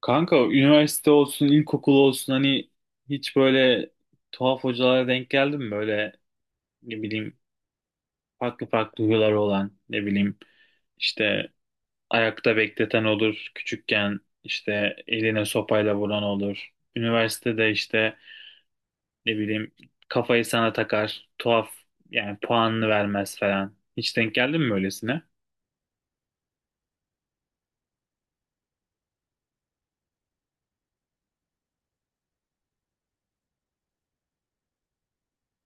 Kanka üniversite olsun, ilkokul olsun hani hiç böyle tuhaf hocalara denk geldin mi? Böyle ne bileyim farklı farklı huyları olan ne bileyim işte ayakta bekleten olur küçükken işte eline sopayla vuran olur. Üniversitede işte ne bileyim kafayı sana takar tuhaf yani puanını vermez falan. Hiç denk geldin mi öylesine?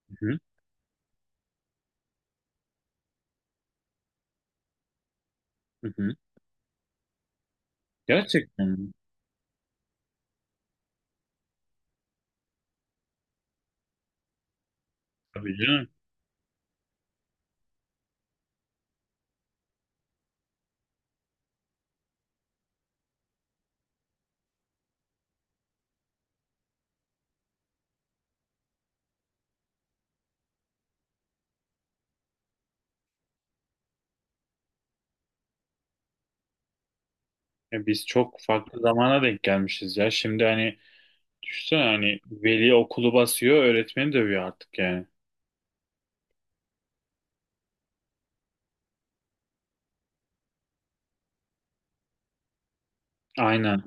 Hı hı. Hı hı. Gerçekten mi? Tabii canım. Ya biz çok farklı zamana denk gelmişiz ya. Şimdi hani, düşünsene hani veli okulu basıyor, öğretmeni dövüyor artık yani. Aynen.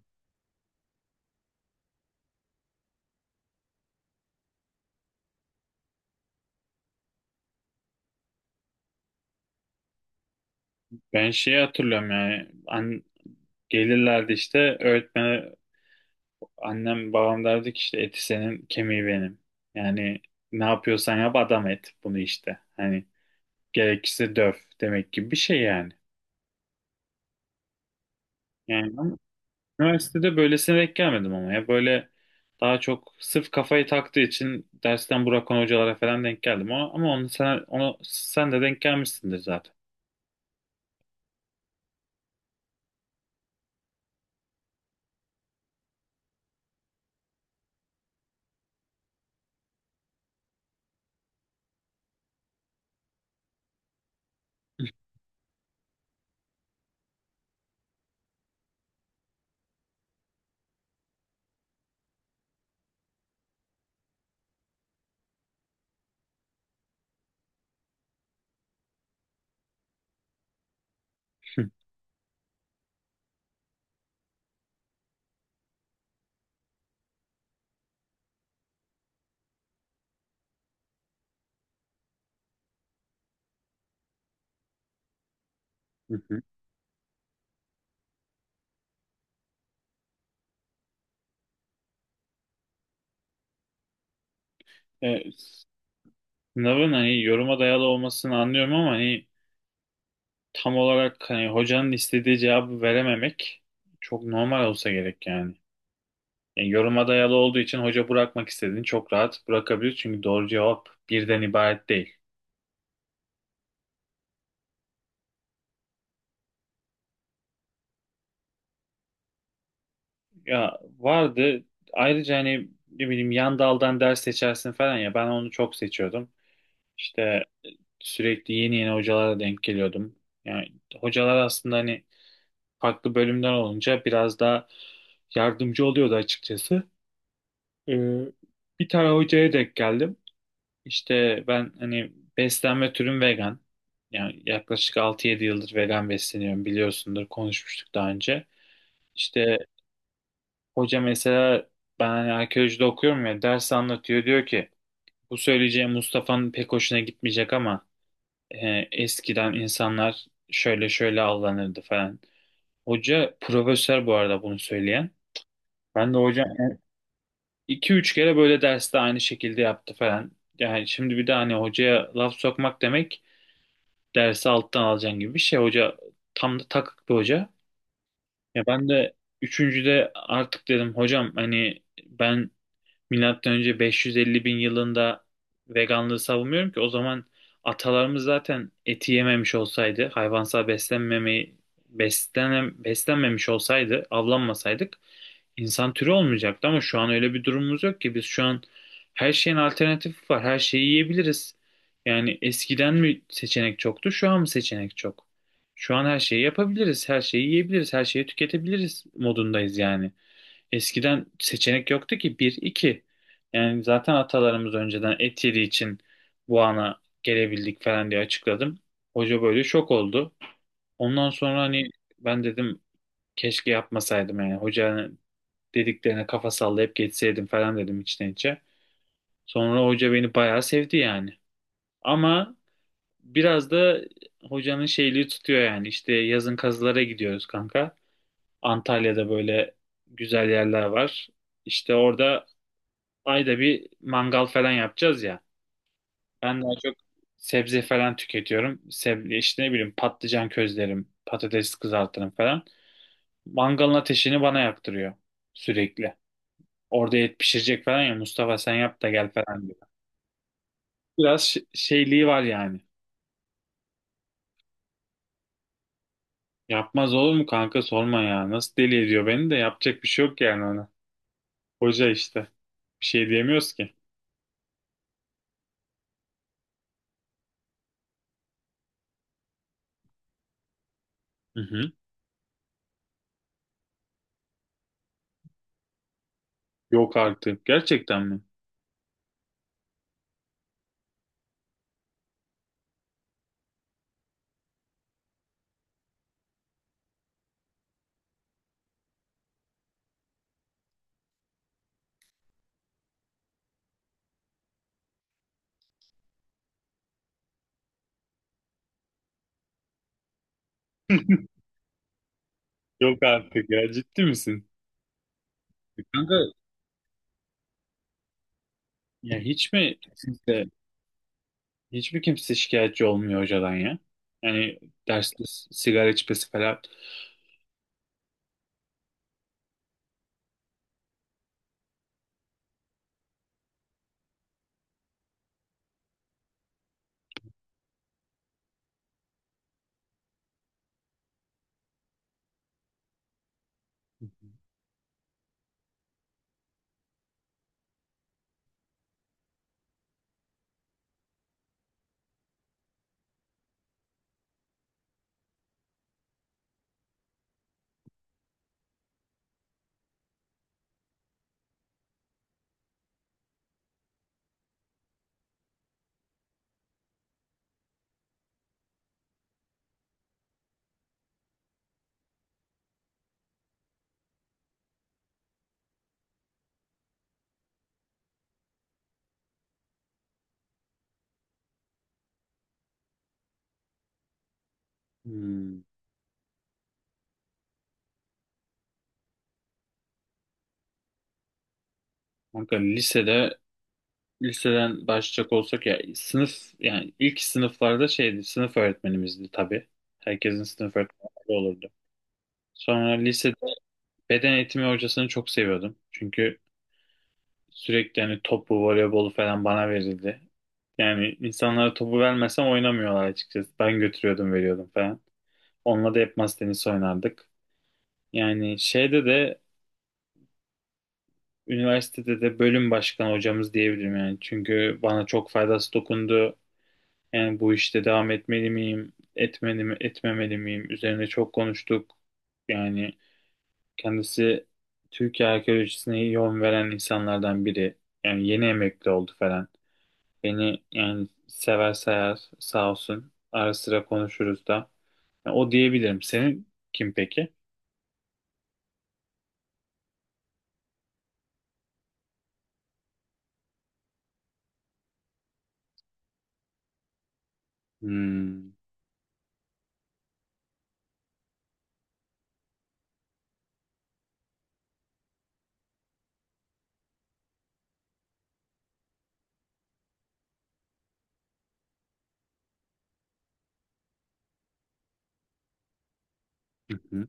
Ben şeyi hatırlıyorum yani. Gelirlerdi işte öğretmene annem babam derdi ki işte eti senin kemiği benim. Yani ne yapıyorsan yap adam et bunu işte. Hani gerekirse döv demek gibi bir şey yani. Yani ben üniversitede böylesine denk gelmedim ama ya böyle daha çok sırf kafayı taktığı için dersten bırakan hocalara falan denk geldim ama onu sen de denk gelmişsindir zaten. E, Sınavın hani yoruma dayalı olmasını anlıyorum ama hani tam olarak hani hocanın istediği cevabı verememek çok normal olsa gerek yani. Yani yoruma dayalı olduğu için hoca bırakmak istediğini çok rahat bırakabilir çünkü doğru cevap birden ibaret değil. Ya vardı ayrıca hani ne bileyim yan daldan ders seçersin falan ya ben onu çok seçiyordum. İşte sürekli yeni yeni hocalara denk geliyordum. Yani hocalar aslında hani farklı bölümden olunca biraz daha yardımcı oluyordu açıkçası. Ee, Bir tane hocaya denk geldim. İşte ben hani beslenme türüm vegan. Yani yaklaşık 6-7 yıldır vegan besleniyorum biliyorsundur konuşmuştuk daha önce. İşte hoca mesela ben hani arkeolojide okuyorum ya ders anlatıyor diyor ki bu söyleyeceğim Mustafa'nın pek hoşuna gitmeyecek ama eskiden insanlar şöyle şöyle avlanırdı falan. Hoca profesör bu arada bunu söyleyen. Ben de hocam 2-3 kere böyle derste aynı şekilde yaptı falan. Yani şimdi bir de hani hocaya laf sokmak demek dersi alttan alacaksın gibi bir şey. Hoca tam da takık bir hoca. Ya ben de üçüncüde artık dedim hocam hani ben milattan önce 550 bin yılında veganlığı savunmuyorum ki o zaman atalarımız zaten eti yememiş olsaydı hayvansal beslenmemeyi beslenmemiş olsaydı avlanmasaydık. İnsan türü olmayacaktı ama şu an öyle bir durumumuz yok ki. Biz şu an her şeyin alternatifi var. Her şeyi yiyebiliriz. Yani eskiden mi seçenek çoktu, şu an mı seçenek çok? Şu an her şeyi yapabiliriz, her şeyi yiyebiliriz, her şeyi tüketebiliriz modundayız yani. Eskiden seçenek yoktu ki bir, iki. Yani zaten atalarımız önceden et yediği için bu ana gelebildik falan diye açıkladım. Hoca böyle şok oldu. Ondan sonra hani ben dedim keşke yapmasaydım yani. Hoca dediklerine kafa sallayıp geçseydim falan dedim içten içe. Sonra hoca beni bayağı sevdi yani. Ama biraz da hocanın şeyliği tutuyor yani. İşte yazın kazılara gidiyoruz kanka. Antalya'da böyle güzel yerler var. İşte orada ayda bir mangal falan yapacağız ya. Ben daha çok sebze falan tüketiyorum. Sebze işte ne bileyim patlıcan közlerim, patates kızartırım falan. Mangalın ateşini bana yaktırıyor sürekli. Orada et pişirecek falan ya Mustafa sen yap da gel falan. Biraz şeyliği var yani. Yapmaz olur mu kanka sorma ya. Nasıl deli ediyor beni de yapacak bir şey yok yani ona. Hoca işte. Bir şey diyemiyoruz ki. Hı hı. Yok artık. Gerçekten mi? Yok artık ya ciddi misin? Kanka ya hiç mi kimse, hiç mi kimse şikayetçi olmuyor hocadan ya? Yani derste sigara içmesi falan. Hmm. Kanka lisede liseden başlayacak olsak ya sınıf yani ilk sınıflarda şeydi sınıf öğretmenimizdi tabii. Herkesin sınıf öğretmeni olurdu. Sonra lisede beden eğitimi hocasını çok seviyordum. Çünkü sürekli hani topu, voleybolu falan bana verildi. Yani insanlara topu vermesem oynamıyorlar açıkçası. Ben götürüyordum, veriyordum falan. Onunla da hep masa tenisi oynardık. Yani şeyde de üniversitede de bölüm başkanı hocamız diyebilirim yani. Çünkü bana çok faydası dokundu. Yani bu işte devam etmeli miyim, etmeli mi, etmemeli miyim? Üzerine çok konuştuk. Yani kendisi Türkiye arkeolojisine yön veren insanlardan biri. Yani yeni emekli oldu falan. Beni yani sever sayar sağ olsun. Ara sıra konuşuruz da. Yani o diyebilirim. Senin kim peki? Hmm. Hı hı.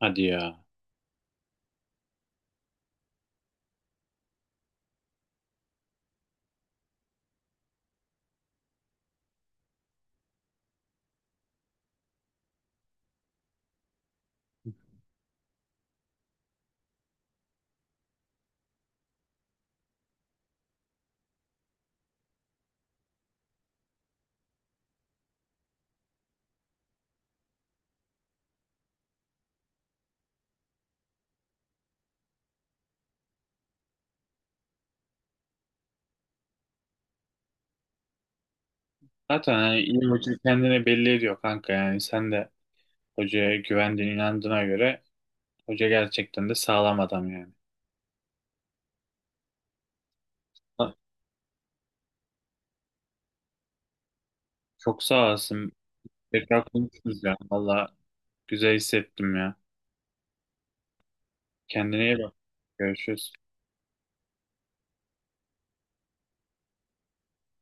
Hadi ya. Zaten yani iyi hoca kendini belli ediyor kanka. Yani sen de hocaya güvendiğin inandığına göre hoca gerçekten de sağlam adam yani. Çok sağ olasın. Tekrar konuşuruz ya. Valla güzel hissettim ya. Kendine iyi bak. Görüşürüz.